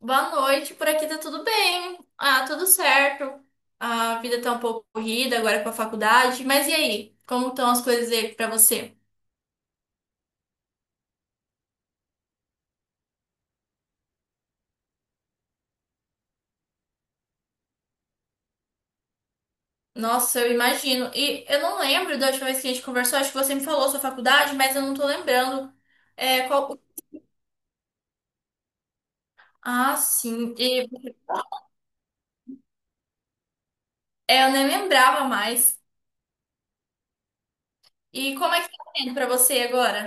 Boa noite, por aqui tá tudo bem. Ah, tudo certo. A vida tá um pouco corrida agora com a faculdade, mas e aí? Como estão as coisas aí pra você? Nossa, eu imagino. E eu não lembro da última vez que a gente conversou, acho que você me falou sua faculdade, mas eu não tô lembrando. É, qual... Ah, sim. Eu nem lembrava mais. E como é que tá sendo pra você agora?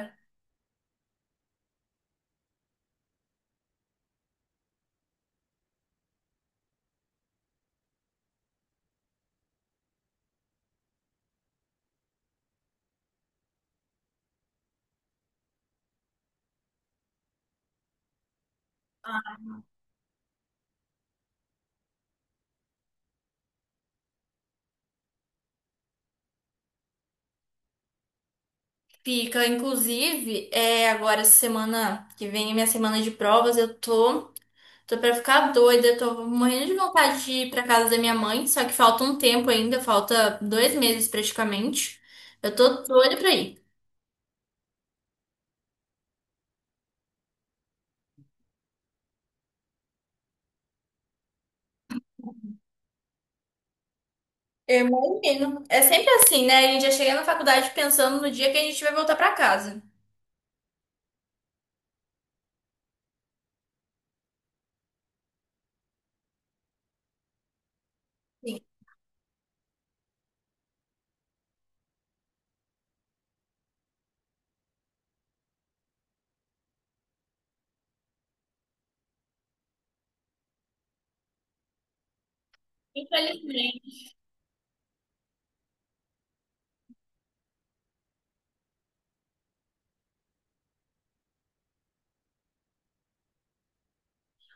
Fica, inclusive, agora essa semana que vem, minha semana de provas, eu tô. Tô pra ficar doida, tô morrendo de vontade de ir pra casa da minha mãe, só que falta um tempo ainda, falta 2 meses praticamente. Eu tô doida pra ir. Eu imagino. É sempre assim, né? A gente já chega na faculdade pensando no dia que a gente vai voltar pra casa. Sim. Infelizmente.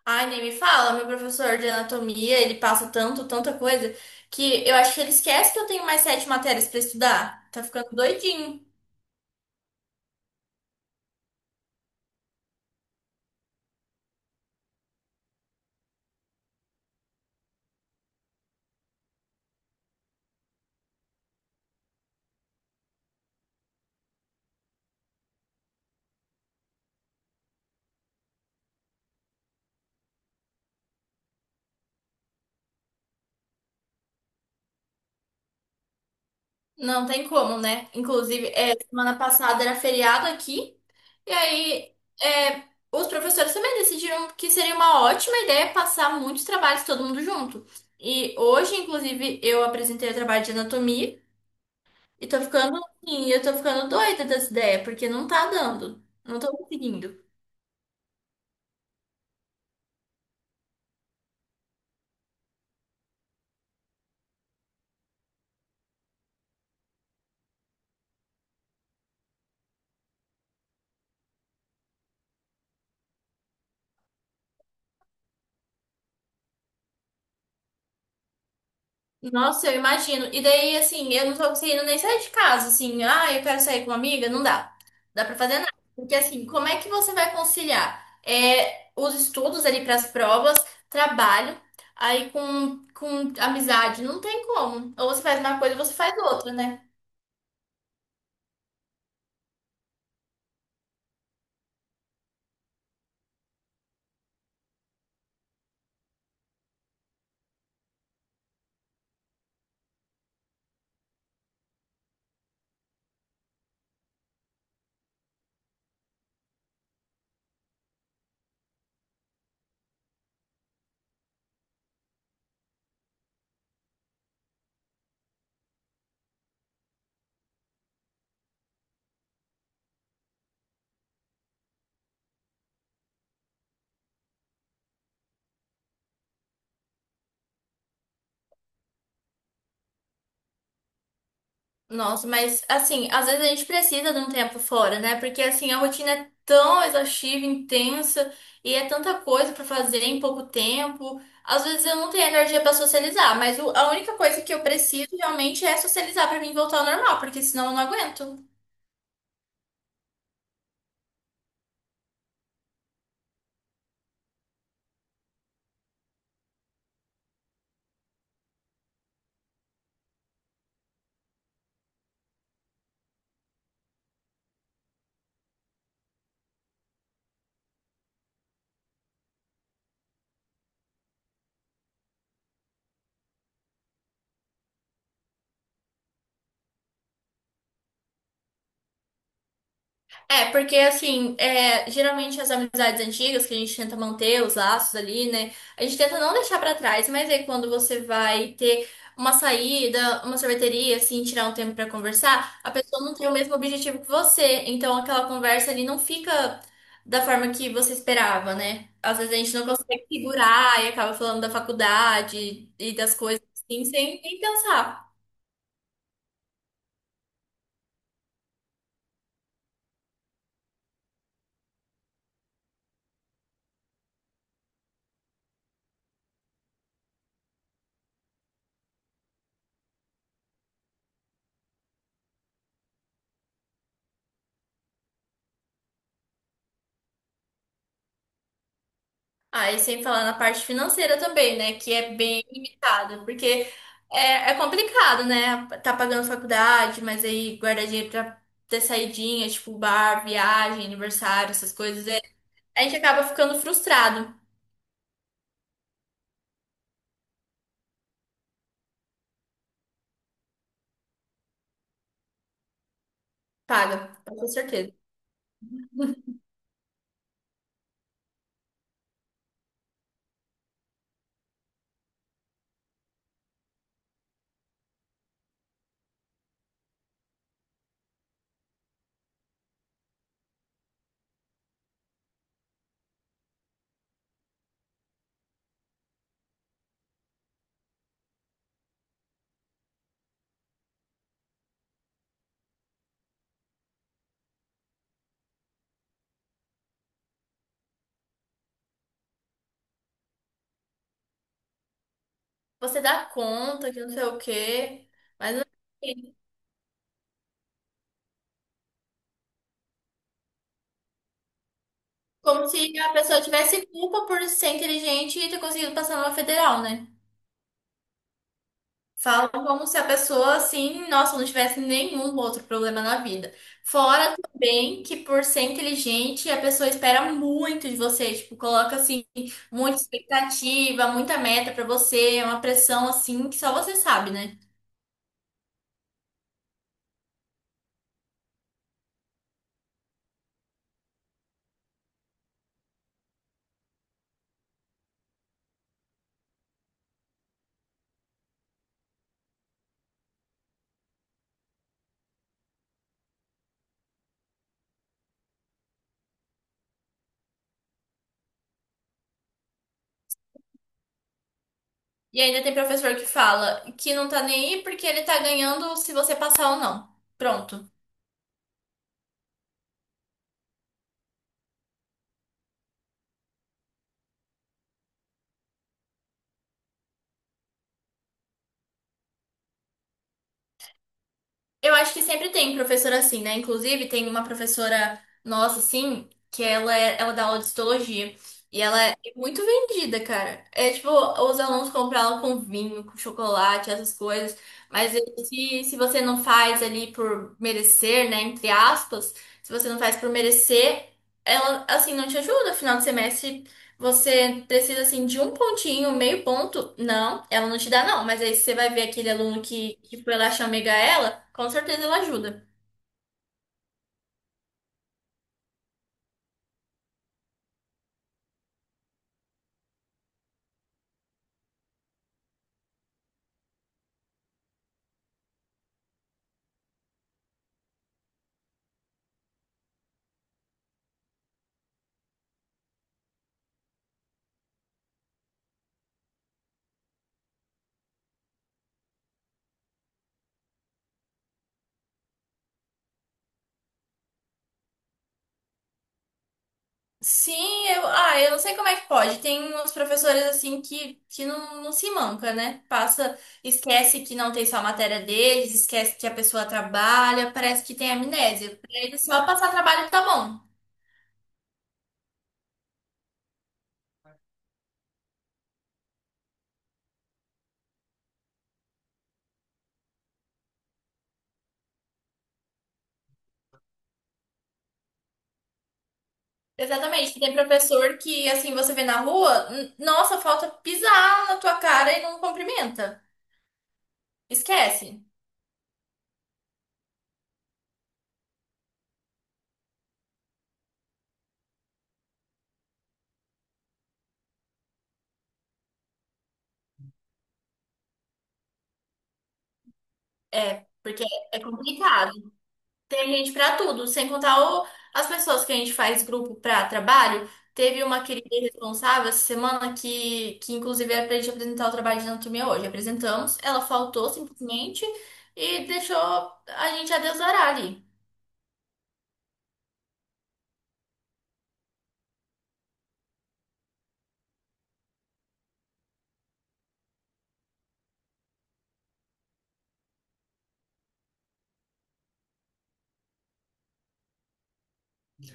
Ai, nem me fala, meu professor de anatomia, ele passa tanto, tanta coisa, que eu acho que ele esquece que eu tenho mais sete matérias pra estudar. Tá ficando doidinho. Não tem como, né? Inclusive, semana passada era feriado aqui, e aí é, os professores também decidiram que seria uma ótima ideia passar muitos trabalhos todo mundo junto. E hoje, inclusive, eu apresentei o trabalho de anatomia e tô ficando assim, eu tô ficando doida dessa ideia, porque não tá dando. Não tô conseguindo. Nossa, eu imagino. E daí, assim, eu não tô conseguindo nem sair de casa, assim, ah, eu quero sair com uma amiga, não dá. Dá pra fazer nada. Porque, assim, como é que você vai conciliar? Os estudos ali pras provas, trabalho, aí com amizade, não tem como. Ou você faz uma coisa, ou você faz outra, né? Nossa, mas assim, às vezes a gente precisa de um tempo fora, né? Porque assim, a rotina é tão exaustiva, intensa, e é tanta coisa pra fazer em pouco tempo. Às vezes eu não tenho energia pra socializar, mas a única coisa que eu preciso realmente é socializar pra mim voltar ao normal, porque senão eu não aguento. Porque assim, geralmente as amizades antigas que a gente tenta manter os laços ali, né? A gente tenta não deixar pra trás, mas aí quando você vai ter uma saída, uma sorveteria, assim, tirar um tempo pra conversar, a pessoa não tem o mesmo objetivo que você. Então aquela conversa ali não fica da forma que você esperava, né? Às vezes a gente não consegue segurar e acaba falando da faculdade e das coisas assim, sem nem pensar. Ah, e sem falar na parte financeira também, né? Que é bem limitada, porque é complicado, né? Tá pagando faculdade, mas aí guardar dinheiro pra ter saidinha, tipo bar, viagem, aniversário, essas coisas. A gente acaba ficando frustrado. Paga, com certeza. Você dá conta, que não sei o quê, mas não sei. Como se a pessoa tivesse culpa por ser inteligente e ter conseguido passar numa federal, né? Falam como se a pessoa, assim, nossa, não tivesse nenhum outro problema na vida. Fora também que, por ser inteligente, a pessoa espera muito de você. Tipo, coloca, assim, muita expectativa, muita meta pra você. É uma pressão, assim, que só você sabe, né? E ainda tem professor que fala que não tá nem aí porque ele tá ganhando se você passar ou não. Pronto. Eu acho que sempre tem professor assim, né? Inclusive, tem uma professora nossa, assim, que ela dá aula de histologia. E ela é muito vendida, cara. É tipo, os alunos compram ela com vinho, com chocolate, essas coisas. Mas se você não faz ali por merecer, né? Entre aspas, se você não faz por merecer, ela, assim, não te ajuda. Final de semestre você precisa assim de um pontinho, meio ponto. Não, ela não te dá, não. Mas aí você vai ver aquele aluno que foi lá chamegar ela, com certeza ela ajuda. Sim, eu não sei como é que pode. Tem uns professores assim que não, não se manca, né? Passa, esquece que não tem só a matéria deles, esquece que a pessoa trabalha, parece que tem amnésia. Pra eles só passar trabalho tá bom. Exatamente, tem professor que assim você vê na rua, nossa, falta pisar na tua cara e não cumprimenta. Esquece. Porque é complicado. Tem gente pra tudo, sem contar as pessoas que a gente faz grupo pra trabalho. Teve uma querida responsável essa semana que inclusive era pra gente apresentar o trabalho de anatomia hoje. Apresentamos, ela faltou simplesmente e deixou a gente a Deus dará ali.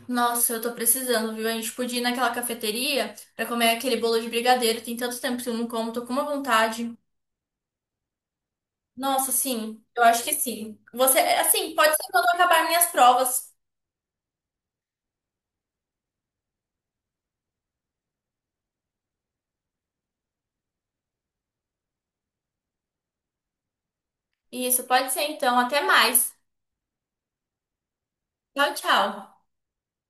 Nossa, eu tô precisando, viu? A gente podia ir naquela cafeteria pra comer aquele bolo de brigadeiro. Tem tanto tempo que eu não como, tô com uma vontade. Nossa, sim, eu acho que sim. Você, assim, pode ser quando acabar minhas provas. Isso, pode ser então. Até mais. Tchau, tchau.